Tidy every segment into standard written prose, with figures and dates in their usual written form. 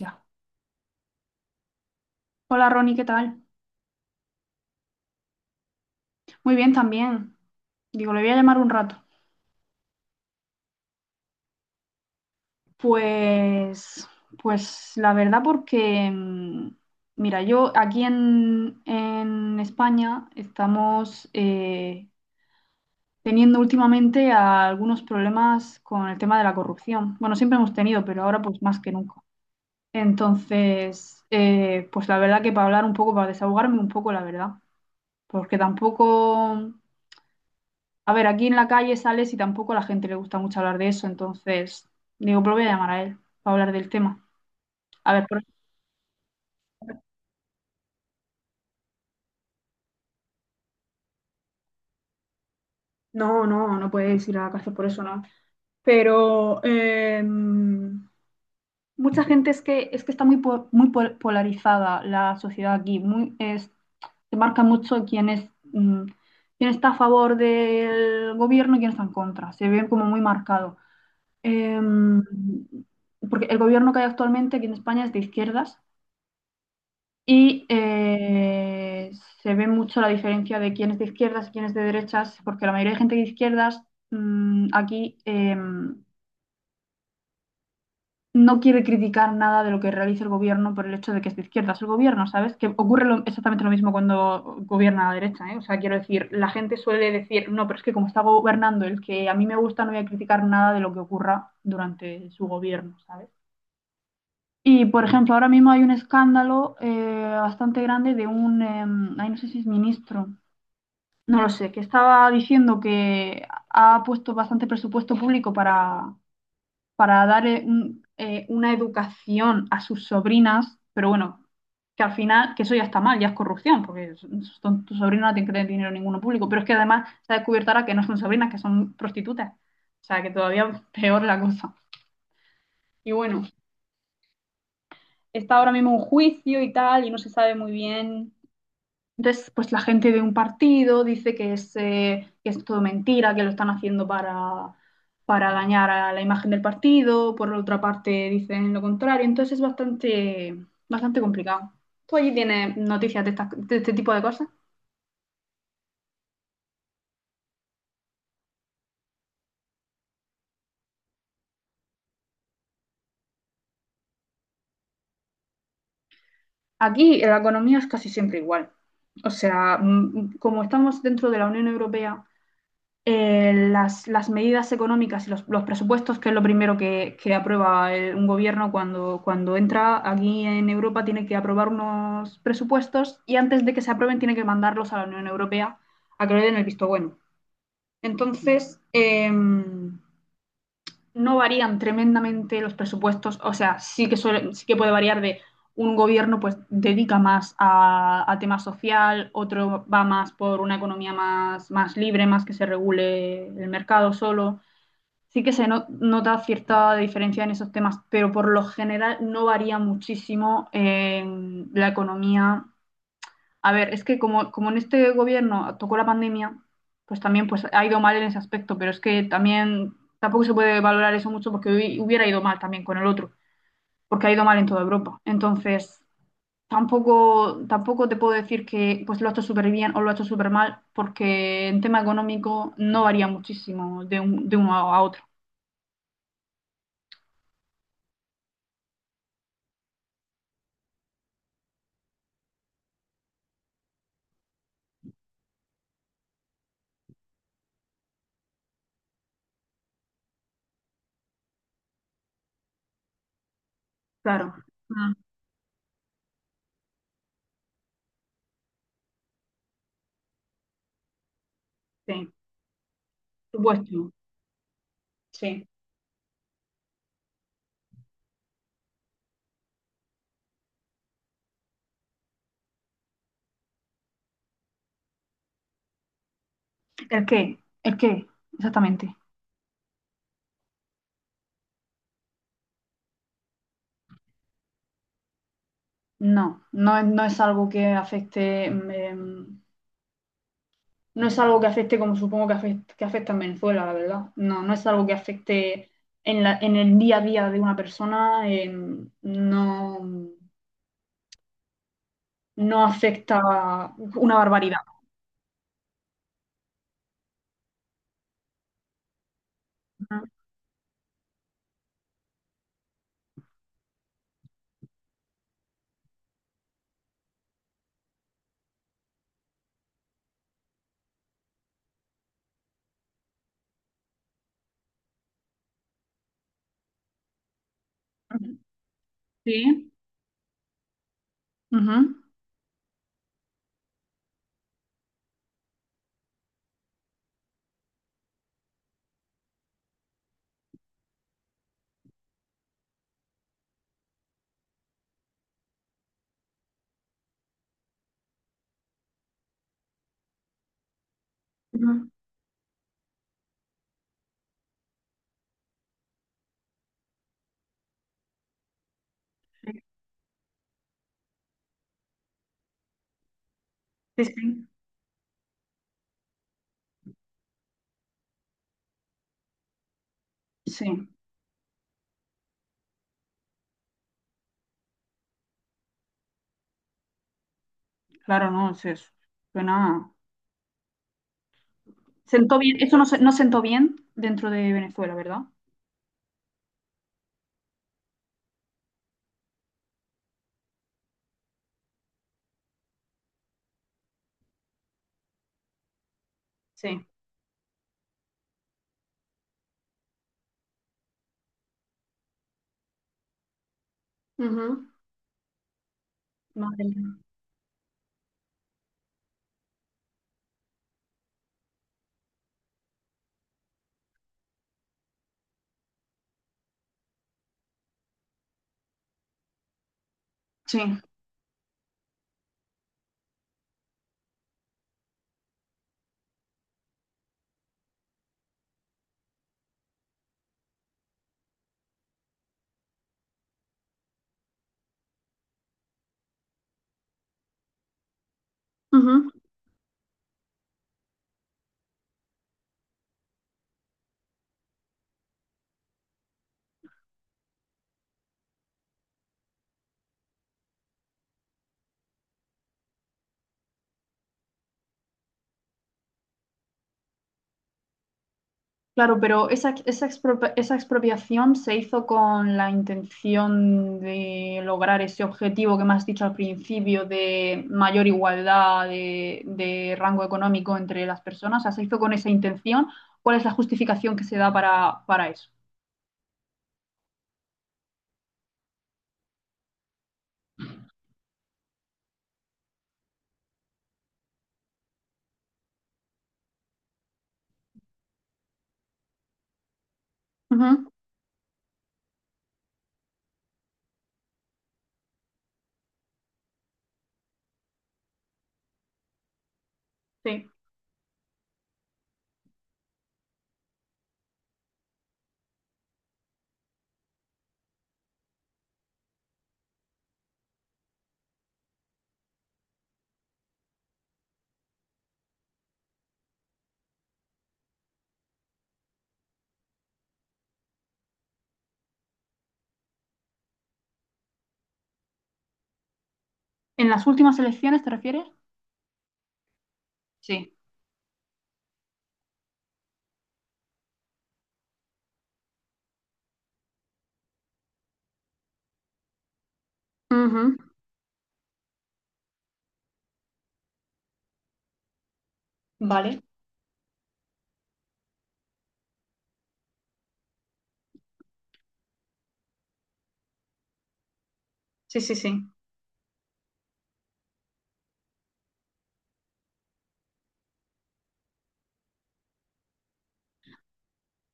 Ya. Hola Ronnie, ¿qué tal? Muy bien también. Digo, le voy a llamar un rato. Pues, pues la verdad porque, mira, yo aquí en España estamos teniendo últimamente algunos problemas con el tema de la corrupción. Bueno, siempre hemos tenido, pero ahora pues más que nunca. Entonces, pues la verdad que para hablar un poco, para desahogarme un poco, la verdad, porque tampoco... A ver, aquí en la calle sales y tampoco a la gente le gusta mucho hablar de eso, entonces digo, pero voy a llamar a él para hablar del tema. A ver, no, no, no puedes ir a la cárcel por eso, no. Pero mucha gente es que está polarizada la sociedad aquí, muy es se marca mucho quién es quién está a favor del gobierno y quién está en contra. Se ve como muy marcado. Em, porque el gobierno que hay actualmente aquí en España es de izquierdas. Y eh, Se ve mucho la diferencia de quién es de izquierdas y quién es de derechas, porque la mayoría de gente de izquierdas aquí no quiere criticar nada de lo que realiza el gobierno por el hecho de que es de izquierdas el gobierno, ¿sabes? Que ocurre exactamente lo mismo cuando gobierna la derecha, ¿eh? O sea, quiero decir, la gente suele decir, no, pero es que como está gobernando el que a mí me gusta, no voy a criticar nada de lo que ocurra durante su gobierno, ¿sabes? Y, por ejemplo, ahora mismo hay un escándalo bastante grande de un, ay, no sé si es ministro, no lo sé, que estaba diciendo que ha puesto bastante presupuesto público para dar una educación a sus sobrinas, pero bueno, que al final, que eso ya está mal, ya es corrupción, porque tus sobrinas no tienen que tener dinero ninguno público, pero es que además se ha descubierto ahora que no son sobrinas, que son prostitutas, o sea, que todavía peor la cosa. Y bueno, está ahora mismo un juicio y tal, y no se sabe muy bien. Entonces, pues la gente de un partido dice que es todo mentira, que lo están haciendo para dañar a la imagen del partido, por otra parte dicen lo contrario, entonces es bastante complicado. ¿Tú allí tienes noticias de, de este tipo de cosas? Aquí la economía es casi siempre igual. O sea, como estamos dentro de la Unión Europea, medidas económicas y presupuestos, que es lo primero que aprueba un gobierno cuando entra aquí en Europa, tiene que aprobar unos presupuestos y antes de que se aprueben tiene que mandarlos a la Unión Europea a que le den el visto bueno. Entonces, no varían tremendamente los presupuestos, o sea, sí que, sí que puede variar de un gobierno pues dedica más a tema social, otro va más por una economía más, más libre, más que se regule el mercado solo. Sí que se nota cierta diferencia en esos temas, pero por lo general no varía muchísimo en la economía. A ver, es que como en este gobierno tocó la pandemia, pues también pues, ha ido mal en ese aspecto, pero es que también tampoco se puede valorar eso mucho porque hubiera ido mal también con el otro, porque ha ido mal en toda Europa. Entonces, tampoco te puedo decir que pues, lo ha hecho súper bien o lo ha hecho súper mal, porque en tema económico no varía muchísimo de, de uno a otro. Claro. Mm, sí, por supuesto. Sí. ¿El qué? ¿El qué? Exactamente. No, no, no es algo que afecte. No es algo que afecte como supongo que afecta en Venezuela, la verdad. No, no es algo que afecte en en el día a día de una persona, no, no afecta una barbaridad. Ujú, ujú. Sí. Ujú. Ujú, sí, sí. Sí. Sí, claro, no, sí, es eso. Suena. Sentó bien, eso no, no sentó bien dentro de Venezuela, ¿verdad? Sí. Ujú. Madre mía. Sí. Claro, pero esa expropiación se hizo con la intención de lograr ese objetivo que me has dicho al principio de mayor igualdad de rango económico entre las personas. O sea, se hizo con esa intención. ¿Cuál es la justificación que se da para eso? Ujú, sí. ¿En las últimas elecciones te refieres? Sí, ujú, vale. Sí, sí, sí.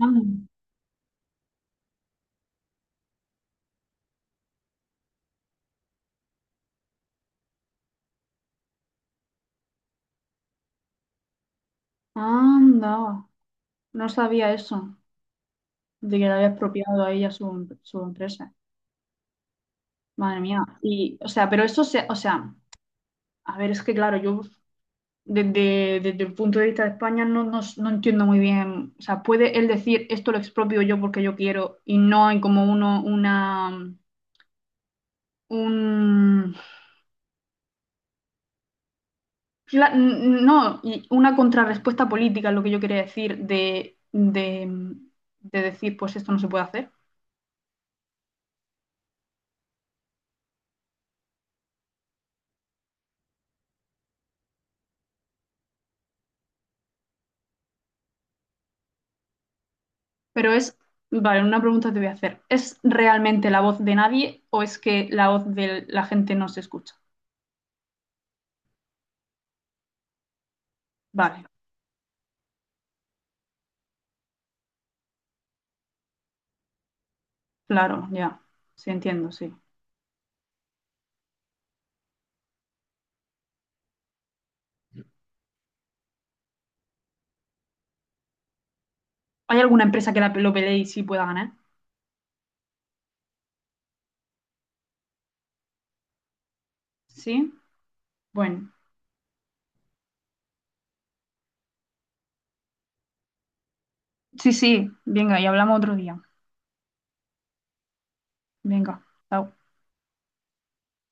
Anda, anda. No sabía eso, de que le había expropiado a ella su, su empresa. Madre mía. Y, o sea, pero eso se, o sea, a ver, es que claro, yo desde el punto de vista de España no, no, no entiendo muy bien. O sea, puede él decir esto lo expropio yo porque yo quiero y no hay como uno, una, un, la- n- no, y una contrarrespuesta política es lo que yo quería decir de decir, pues esto no se puede hacer. Pero es, vale, una pregunta te voy a hacer. ¿Es realmente la voz de nadie o es que la voz de la gente no se escucha? Vale. Claro, ya. Sí, entiendo, sí. ¿Hay alguna empresa que la, lo pelee y sí pueda ganar? Sí. Bueno, sí, sí. Venga, y hablamos otro día. Venga. Chao.